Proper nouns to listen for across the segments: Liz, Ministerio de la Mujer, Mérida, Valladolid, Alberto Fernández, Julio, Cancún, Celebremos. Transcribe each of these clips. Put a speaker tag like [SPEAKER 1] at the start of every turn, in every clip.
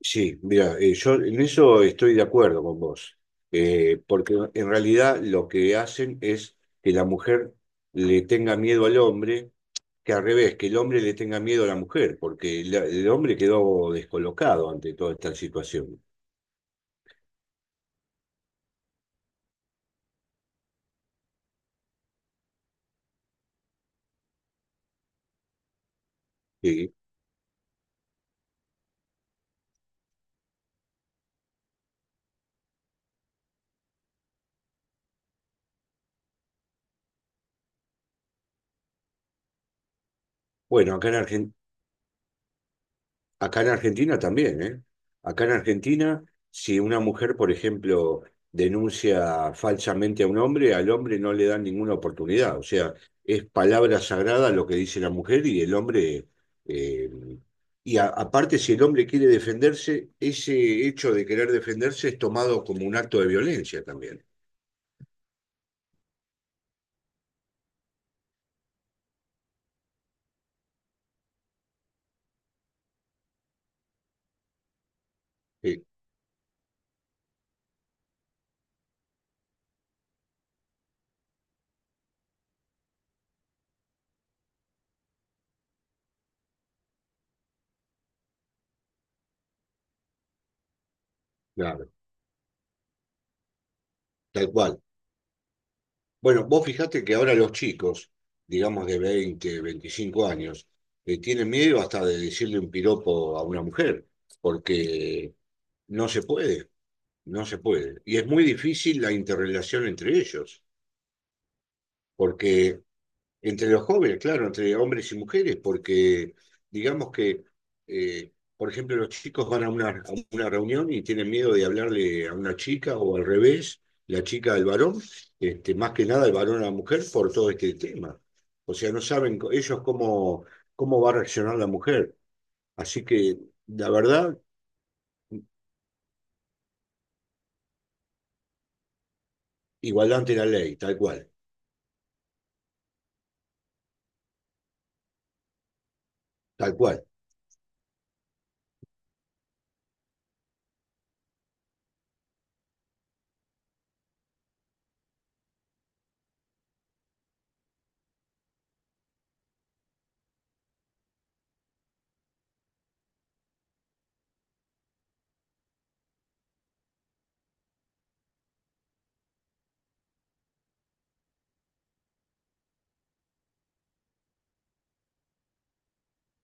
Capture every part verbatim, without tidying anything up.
[SPEAKER 1] Sí, mira, eh, yo en eso estoy de acuerdo con vos, eh, porque en realidad lo que hacen es que la mujer le tenga miedo al hombre, que al revés, que el hombre le tenga miedo a la mujer, porque la- el hombre quedó descolocado ante toda esta situación. Eh, bueno, acá en Argentina. Acá en Argentina también, ¿eh? Acá en Argentina, si una mujer, por ejemplo, denuncia falsamente a un hombre, al hombre no le dan ninguna oportunidad. O sea, es palabra sagrada lo que dice la mujer y el hombre... eh, y a- aparte, si el hombre quiere defenderse, ese hecho de querer defenderse es tomado como un acto de violencia también. Sí, claro, tal cual. Bueno, vos fijate que ahora los chicos, digamos de veinte, veinticinco años, eh, tienen miedo hasta de decirle un piropo a una mujer, porque no se puede, no se puede. Y es muy difícil la interrelación entre ellos, porque entre los jóvenes, claro, entre hombres y mujeres, porque digamos que, eh, por ejemplo, los chicos van a una, a una reunión y tienen miedo de hablarle a una chica o al revés, la chica al varón, este, más que nada el varón a la mujer por todo este tema. O sea, no saben co- ellos cómo, cómo va a reaccionar la mujer. Así que, la verdad, igualdad ante la ley, tal cual, tal cual.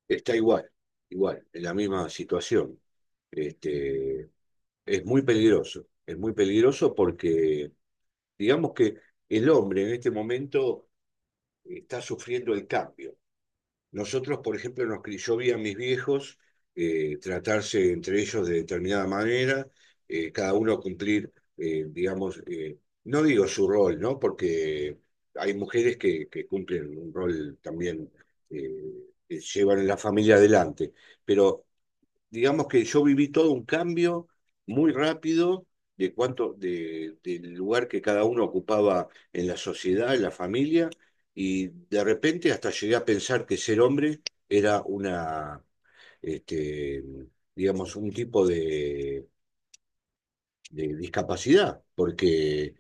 [SPEAKER 1] Está igual, igual, en la misma situación. Este, es muy peligroso, es muy peligroso porque digamos que el hombre en este momento está sufriendo el cambio. Nosotros, por ejemplo, nos, yo vi a mis viejos eh, tratarse entre ellos de determinada manera, eh, cada uno cumplir, eh, digamos, eh, no digo su rol, ¿no? Porque hay mujeres que, que cumplen un rol también, eh, que llevan la familia adelante, pero digamos que yo viví todo un cambio muy rápido de cuánto, de, del lugar que cada uno ocupaba en la sociedad, en la familia, y de repente hasta llegué a pensar que ser hombre era una, este, digamos, un tipo de, de discapacidad, porque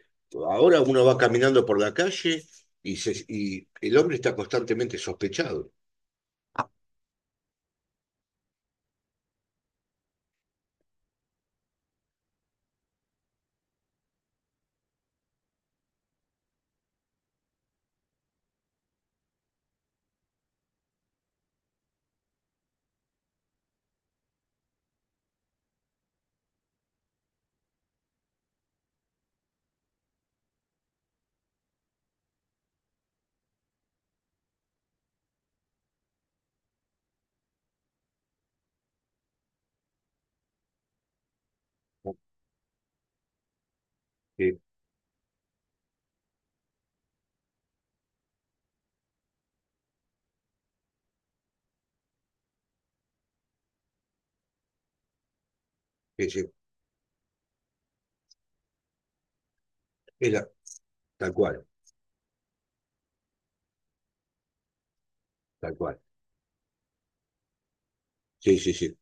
[SPEAKER 1] ahora uno va caminando por la calle y, se- y el hombre está constantemente sospechado. ¿No? Que- que se- era tal cual, tal cual. Sí, sí, sí.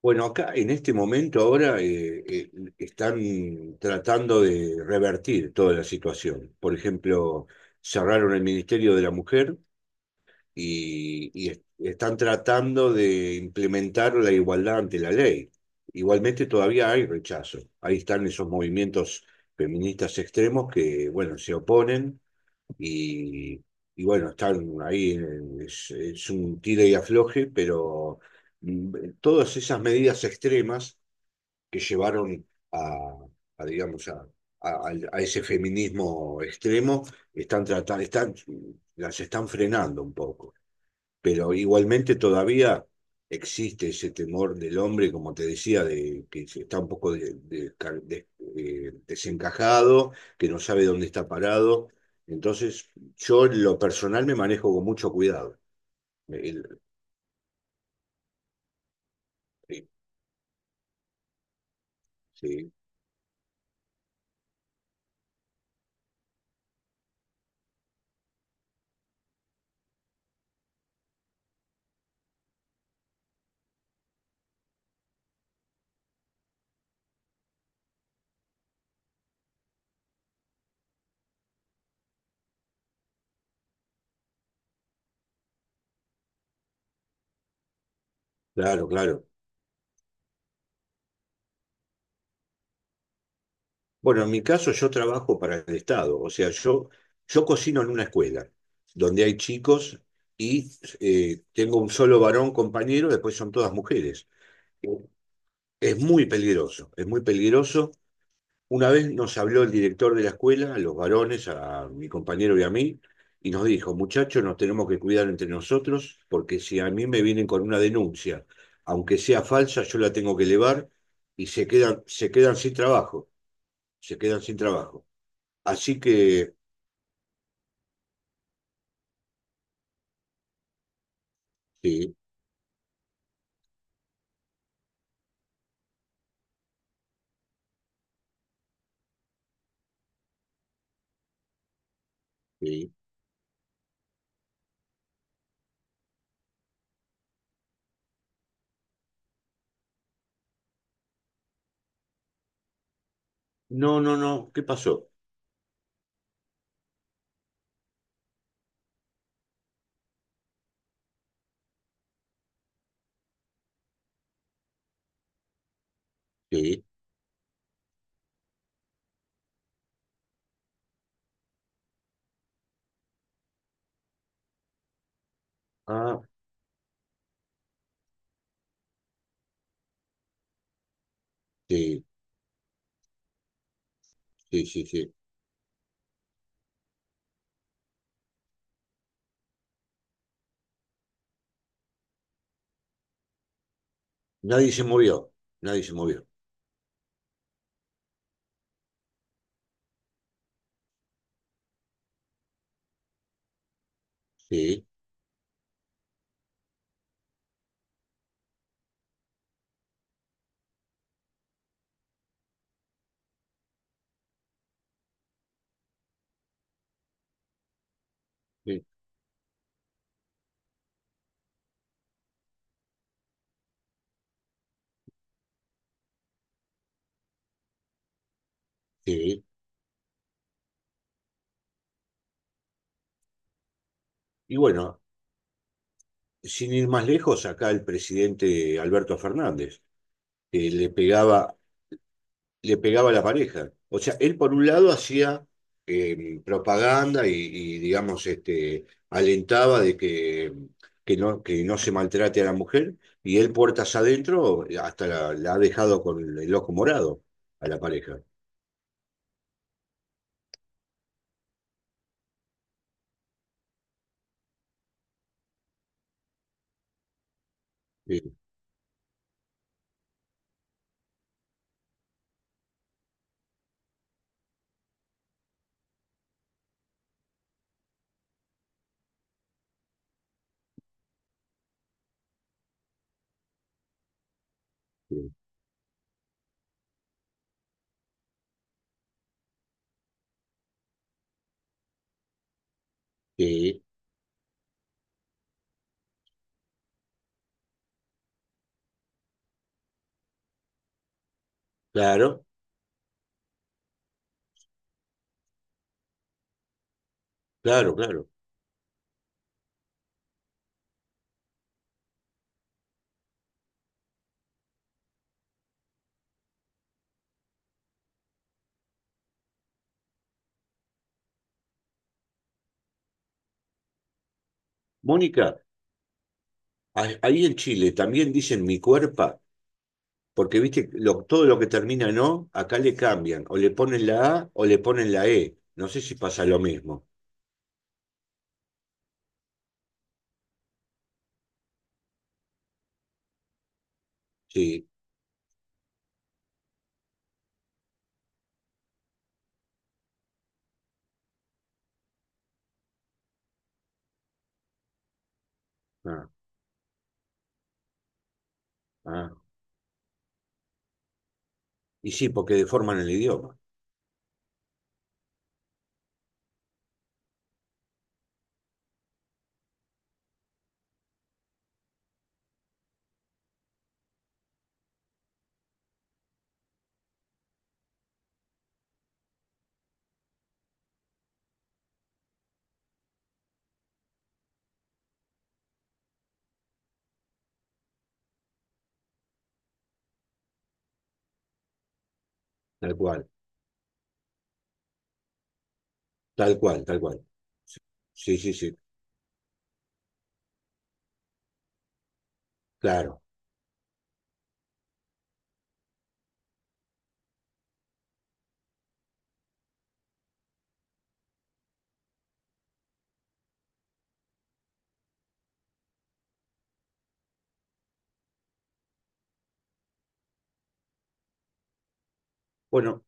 [SPEAKER 1] Bueno, acá en este momento ahora eh, eh, están tratando de revertir toda la situación. Por ejemplo, cerraron el Ministerio de la Mujer y, y es- están tratando de implementar la igualdad ante la ley. Igualmente todavía hay rechazo. Ahí están esos movimientos feministas extremos que, bueno, se oponen y, y bueno, están ahí, en- es, es un tire y afloje, pero mm, todas esas medidas extremas que llevaron a, a, digamos, a, a- al- a ese feminismo extremo, están tratando, están, las están frenando un poco pero igualmente todavía existe ese temor del hombre, como te decía, de que está un poco de- de- de- eh, desencajado, que no sabe dónde está parado. Entonces, yo en lo personal me manejo con mucho cuidado. El- sí, sí, claro, claro. Bueno, en mi caso yo trabajo para el Estado, o sea, yo, yo cocino en una escuela donde hay chicos y eh, tengo un solo varón compañero, después son todas mujeres. Es muy peligroso, es muy peligroso. Una vez nos habló el director de la escuela, a los varones, a mi compañero y a mí, y nos dijo, muchachos, nos tenemos que cuidar entre nosotros, porque si a mí me vienen con una denuncia, aunque sea falsa, yo la tengo que elevar y se quedan, se quedan sin trabajo, se quedan sin trabajo. Así que, sí, sí. No, no, no, ¿qué pasó? Sí, ah, sí, sí, sí, sí. Nadie se movió, nadie se movió. Sí, sí, sí. Y bueno, sin ir más lejos, acá el presidente Alberto Fernández, que le pegaba, le pegaba a la pareja. O sea, él por un lado hacía eh, propaganda y, y, digamos, este, alentaba de que, que, no, que no se maltrate a la mujer, y él puertas adentro hasta la, la ha dejado con el ojo morado a la pareja. Eh, eh, eh, claro, claro, claro. Mónica, a- ahí en Chile también dicen mi cuerpo. Porque viste, lo- todo lo que termina en O, acá le cambian, o le ponen la A o le ponen la E. No sé si pasa lo mismo. Sí, ah, ah. Y sí, porque deforman el idioma, tal cual, tal cual, tal cual. Sí, sí, sí, claro. Bueno,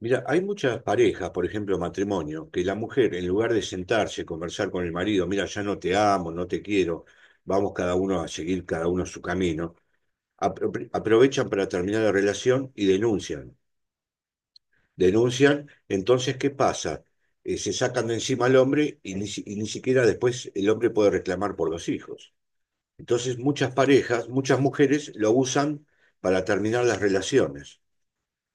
[SPEAKER 1] mira, hay muchas parejas, por ejemplo, matrimonio, que la mujer, en lugar de sentarse, conversar con el marido, mira, ya no te amo, no te quiero, vamos cada uno a seguir cada uno su camino, apro- aprovechan para terminar la relación y denuncian. Denuncian, entonces, ¿qué pasa? Eh, se sacan de encima al hombre y ni, si- y ni siquiera después el hombre puede reclamar por los hijos. Entonces, muchas parejas, muchas mujeres lo usan para terminar las relaciones,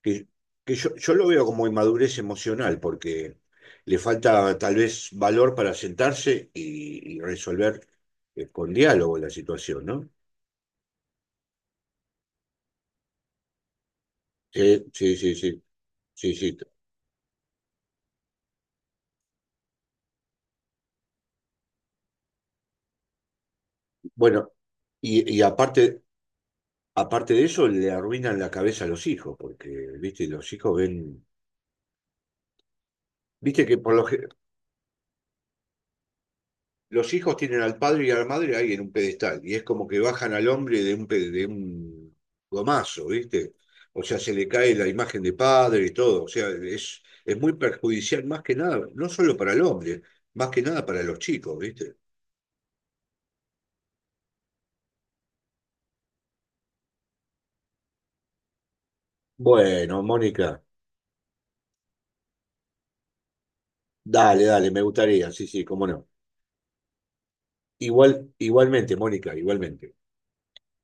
[SPEAKER 1] que, que yo, yo lo veo como inmadurez emocional, porque le falta tal vez valor para sentarse y, y resolver eh, con diálogo la situación, ¿no? Sí, sí, sí, sí, sí, sí. Bueno, y, y aparte, aparte de eso, le arruinan la cabeza a los hijos, porque, viste, los hijos ven, viste que por los, los hijos tienen al padre y a la madre ahí en un pedestal, y es como que bajan al hombre de un, pe- de un gomazo, viste. O sea, se le cae la imagen de padre y todo, o sea, es, es muy perjudicial más que nada, no solo para el hombre, más que nada para los chicos, viste. Bueno, Mónica, dale, dale, me gustaría, sí, sí, cómo no. Igual, igualmente, Mónica, igualmente.